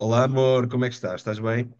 Olá, amor, como é que estás? Estás bem?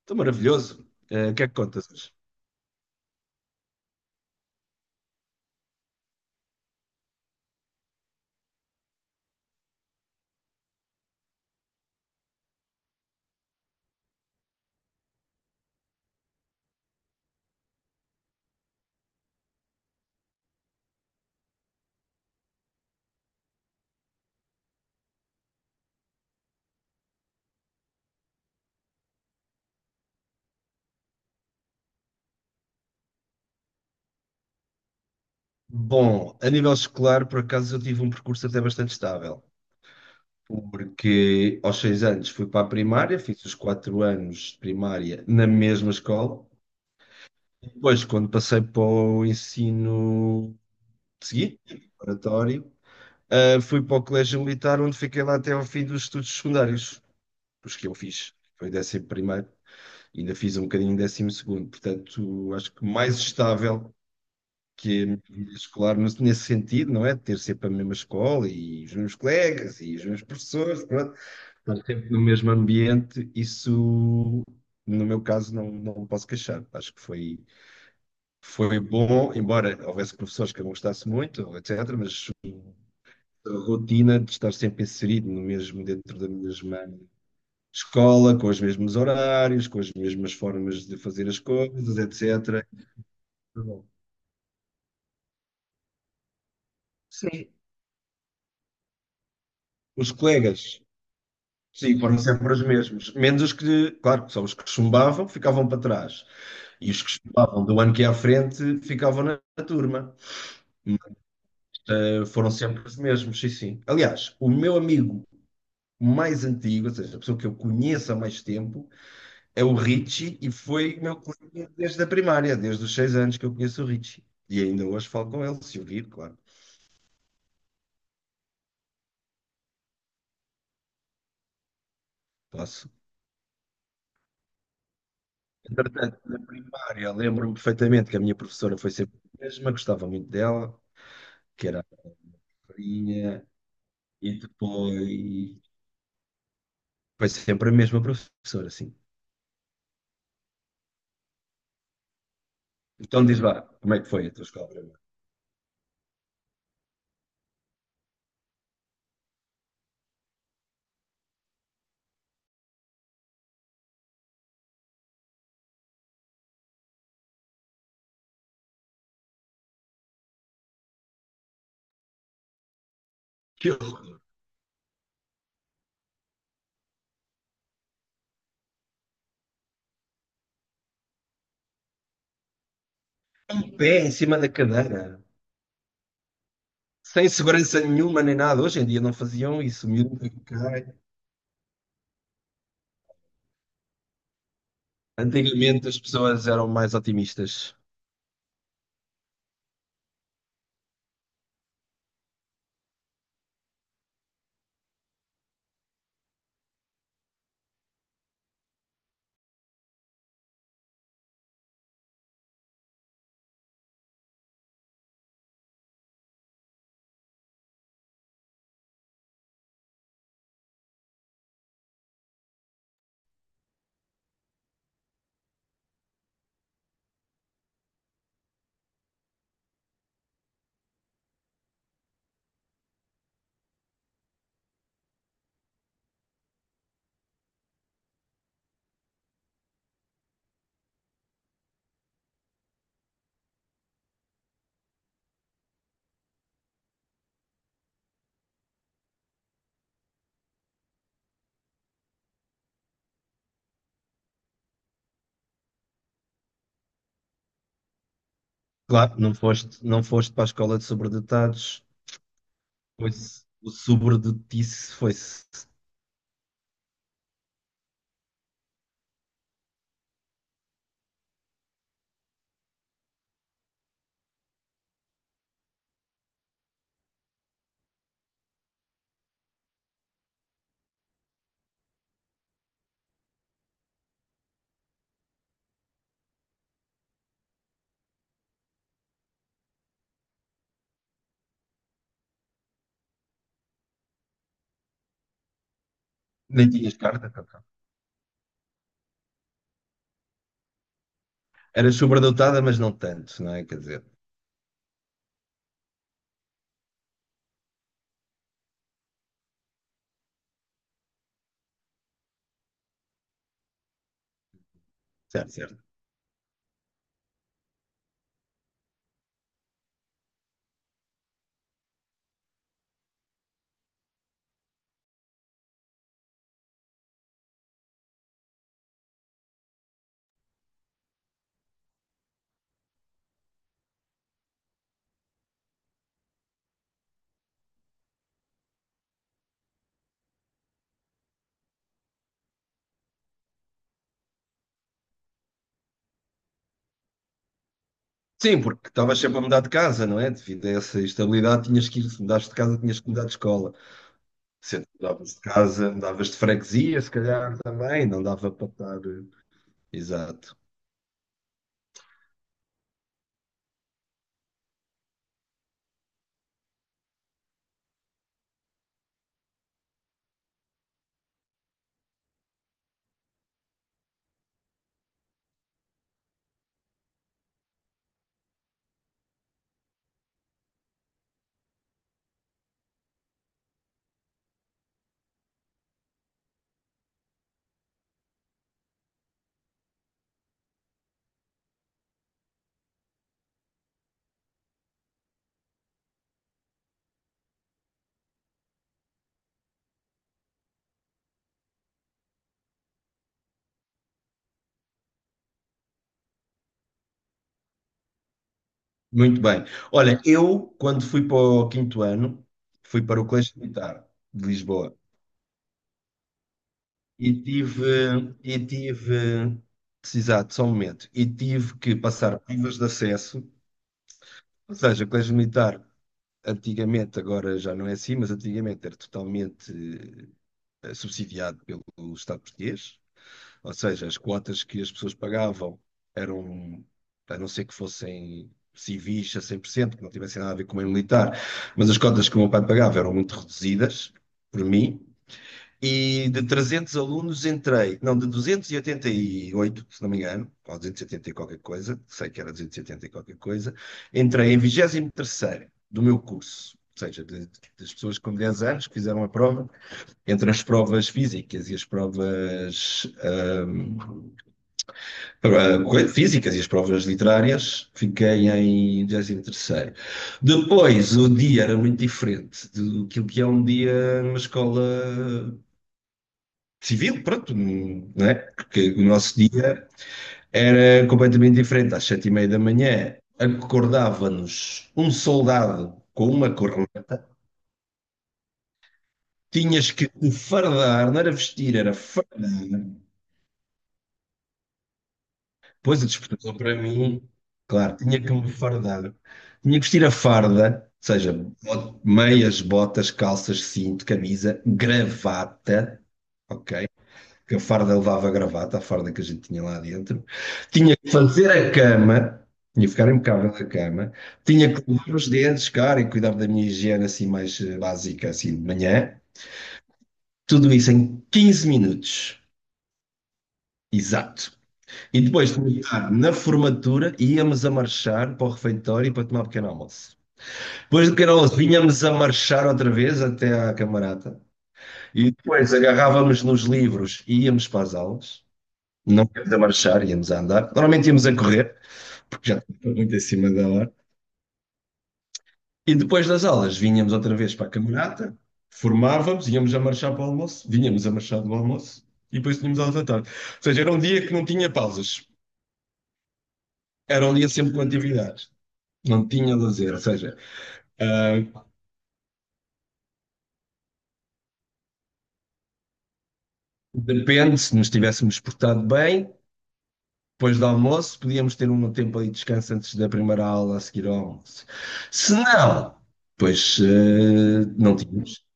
Estou maravilhoso. O que é que contas hoje? Bom, a nível escolar, por acaso, eu tive um percurso até bastante estável, porque aos 6 anos fui para a primária, fiz os 4 anos de primária na mesma escola. Depois, quando passei para o ensino seguinte, preparatório, fui para o Colégio Militar, onde fiquei lá até ao fim dos estudos secundários, os que eu fiz. Foi 11º, ainda fiz um bocadinho em 12º, portanto, acho que mais estável que a minha vida escolar, mas nesse sentido, não é? De ter sempre a mesma escola e os meus colegas e os meus professores, pronto, estar sempre no mesmo ambiente, isso, no meu caso, não, não me posso queixar. Acho que foi bom, embora houvesse professores que eu não gostasse muito, etc., mas a rotina de estar sempre inserido no mesmo, dentro da mesma escola, com os mesmos horários, com as mesmas formas de fazer as coisas, etc. Tá bom. Sim. Os colegas. Sim, foram sempre os mesmos. Menos os que, claro, que são os que chumbavam, ficavam para trás. E os que chumbavam do ano que ia à frente ficavam na turma. Foram sempre os mesmos, sim, sim. Aliás, o meu amigo mais antigo, ou seja, a pessoa que eu conheço há mais tempo, é o Richie e foi meu colega desde a primária, desde os 6 anos que eu conheço o Richie. E ainda hoje falo com ele, se eu vir, claro, posso. Entretanto, na primária, lembro-me perfeitamente que a minha professora foi sempre a mesma, gostava muito dela, que era a Farinha. E depois foi sempre a mesma professora, assim. Então diz lá, como é que foi a tua escola primária? Que horror. Um pé em cima da cadeira, sem segurança nenhuma nem nada. Hoje em dia não faziam isso, miúdo que cai. Antigamente as pessoas eram mais otimistas. Claro, não foste, não foste para a escola de sobredotados, pois o sobredotice foi-se. Nem tinhas carta. Eras sobredotada, mas não tanto, não é? Quer dizer, certo, certo. Sim, porque estavas sempre a mudar de casa, não é? Devido a essa instabilidade, tinhas que ir, se mudaste de casa, tinhas que mudar de escola. Se mudavas de casa, mudavas de freguesia, se calhar também, não dava para estar. Exato. Muito bem. Olha, eu, quando fui para o quinto ano, fui para o Colégio Militar de Lisboa e tive, e tive, exato, só um momento, e tive que passar provas de acesso, ou seja, o Colégio Militar. Antigamente, agora já não é assim, mas antigamente era totalmente subsidiado pelo Estado português, ou seja, as quotas que as pessoas pagavam eram, a não ser que fossem civis a 100%, que não tivessem nada a ver com o meio militar, mas as cotas que o meu pai pagava eram muito reduzidas, por mim, e de 300 alunos entrei, não, de duzentos e oitenta e oito, se não me engano, ou 280 e qualquer coisa, sei que era 280 e qualquer coisa, entrei em 23º do meu curso, ou seja, das pessoas com 10 anos que fizeram a prova, entre as provas físicas e as provas físicas e as provas literárias, fiquei em 23º. Depois, o dia era muito diferente do que é um dia numa escola civil, pronto, não é? Porque o nosso dia era completamente diferente. Às 7h30 da manhã acordava-nos um soldado com uma corneta, tinhas que te fardar, não era vestir, era fardar. Pois o despertador para mim, claro, tinha que me fardar. Tinha que vestir a farda, ou seja, meias, botas, calças, cinto, camisa, gravata, ok? Porque a farda levava gravata, a farda que a gente tinha lá dentro. Tinha que fazer a cama, tinha que ficar impecável a cama. Tinha que lavar os dentes, cara, e cuidar da minha higiene assim mais básica, assim de manhã. Tudo isso em 15 minutos. Exato. E depois de na formatura, íamos a marchar para o refeitório para tomar um pequeno almoço. Depois do pequeno almoço, vinhamos a marchar outra vez até à camarata. E depois agarrávamos nos livros e íamos para as aulas. Não íamos a marchar, íamos a andar. Normalmente íamos a correr, porque já estava muito acima da hora. E depois das aulas, vinhamos outra vez para a camarata, formávamos, íamos a marchar para o almoço, vinhamos a marchar do almoço e depois tínhamos aulas à tarde. Ou seja, era um dia que não tinha pausas. Era um dia sempre com atividades. Não tinha lazer, ou seja, ah, depende, se nos tivéssemos portado bem, depois do almoço, podíamos ter um tempo ali de descanso antes da primeira aula a seguir ao almoço. Se não, pois não tínhamos.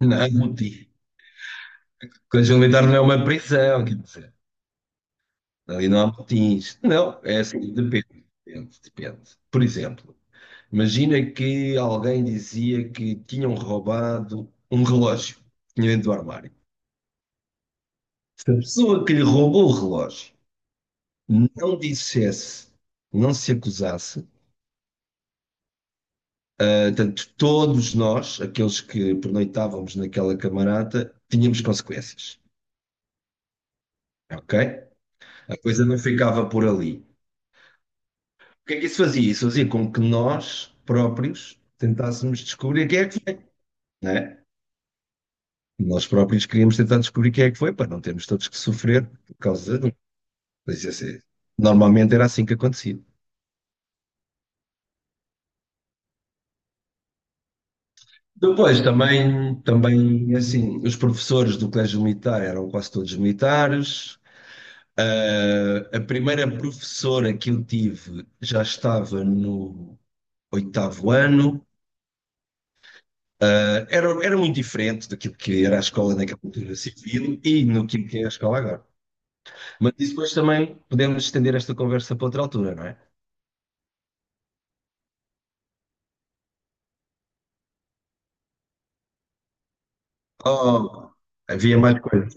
Não há motim. Colégio Militar não é uma prisão, quer dizer, ali não há motins. Não, é assim, depende, depende, depende. Por exemplo, imagina que alguém dizia que tinham roubado um relógio, que tinha dentro do armário. Se a pessoa que lhe roubou o relógio não dissesse, não se acusasse, portanto, todos nós, aqueles que pernoitávamos naquela camarata, tínhamos consequências, ok? A coisa não ficava por ali. O que é que isso fazia? Isso fazia com que nós próprios tentássemos descobrir quem é que foi, né? Nós próprios queríamos tentar descobrir quem é que foi, para não termos todos que sofrer por causa de um. Mas isso é- Normalmente era assim que acontecia. Depois também assim, os professores do colégio militar eram quase todos militares. Ah, a primeira professora que eu tive já estava no oitavo ano. Ah, era muito diferente daquilo que era a escola naquela cultura civil e no que é a escola agora. Mas isso depois também podemos estender esta conversa para outra altura, não é? Oh, havia mais coisas.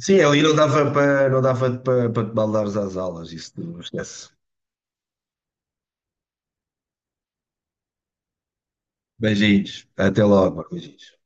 Sim, ali não dava para te baldares às aulas, isso não esquece. Beijinhos, até logo, beijinhos.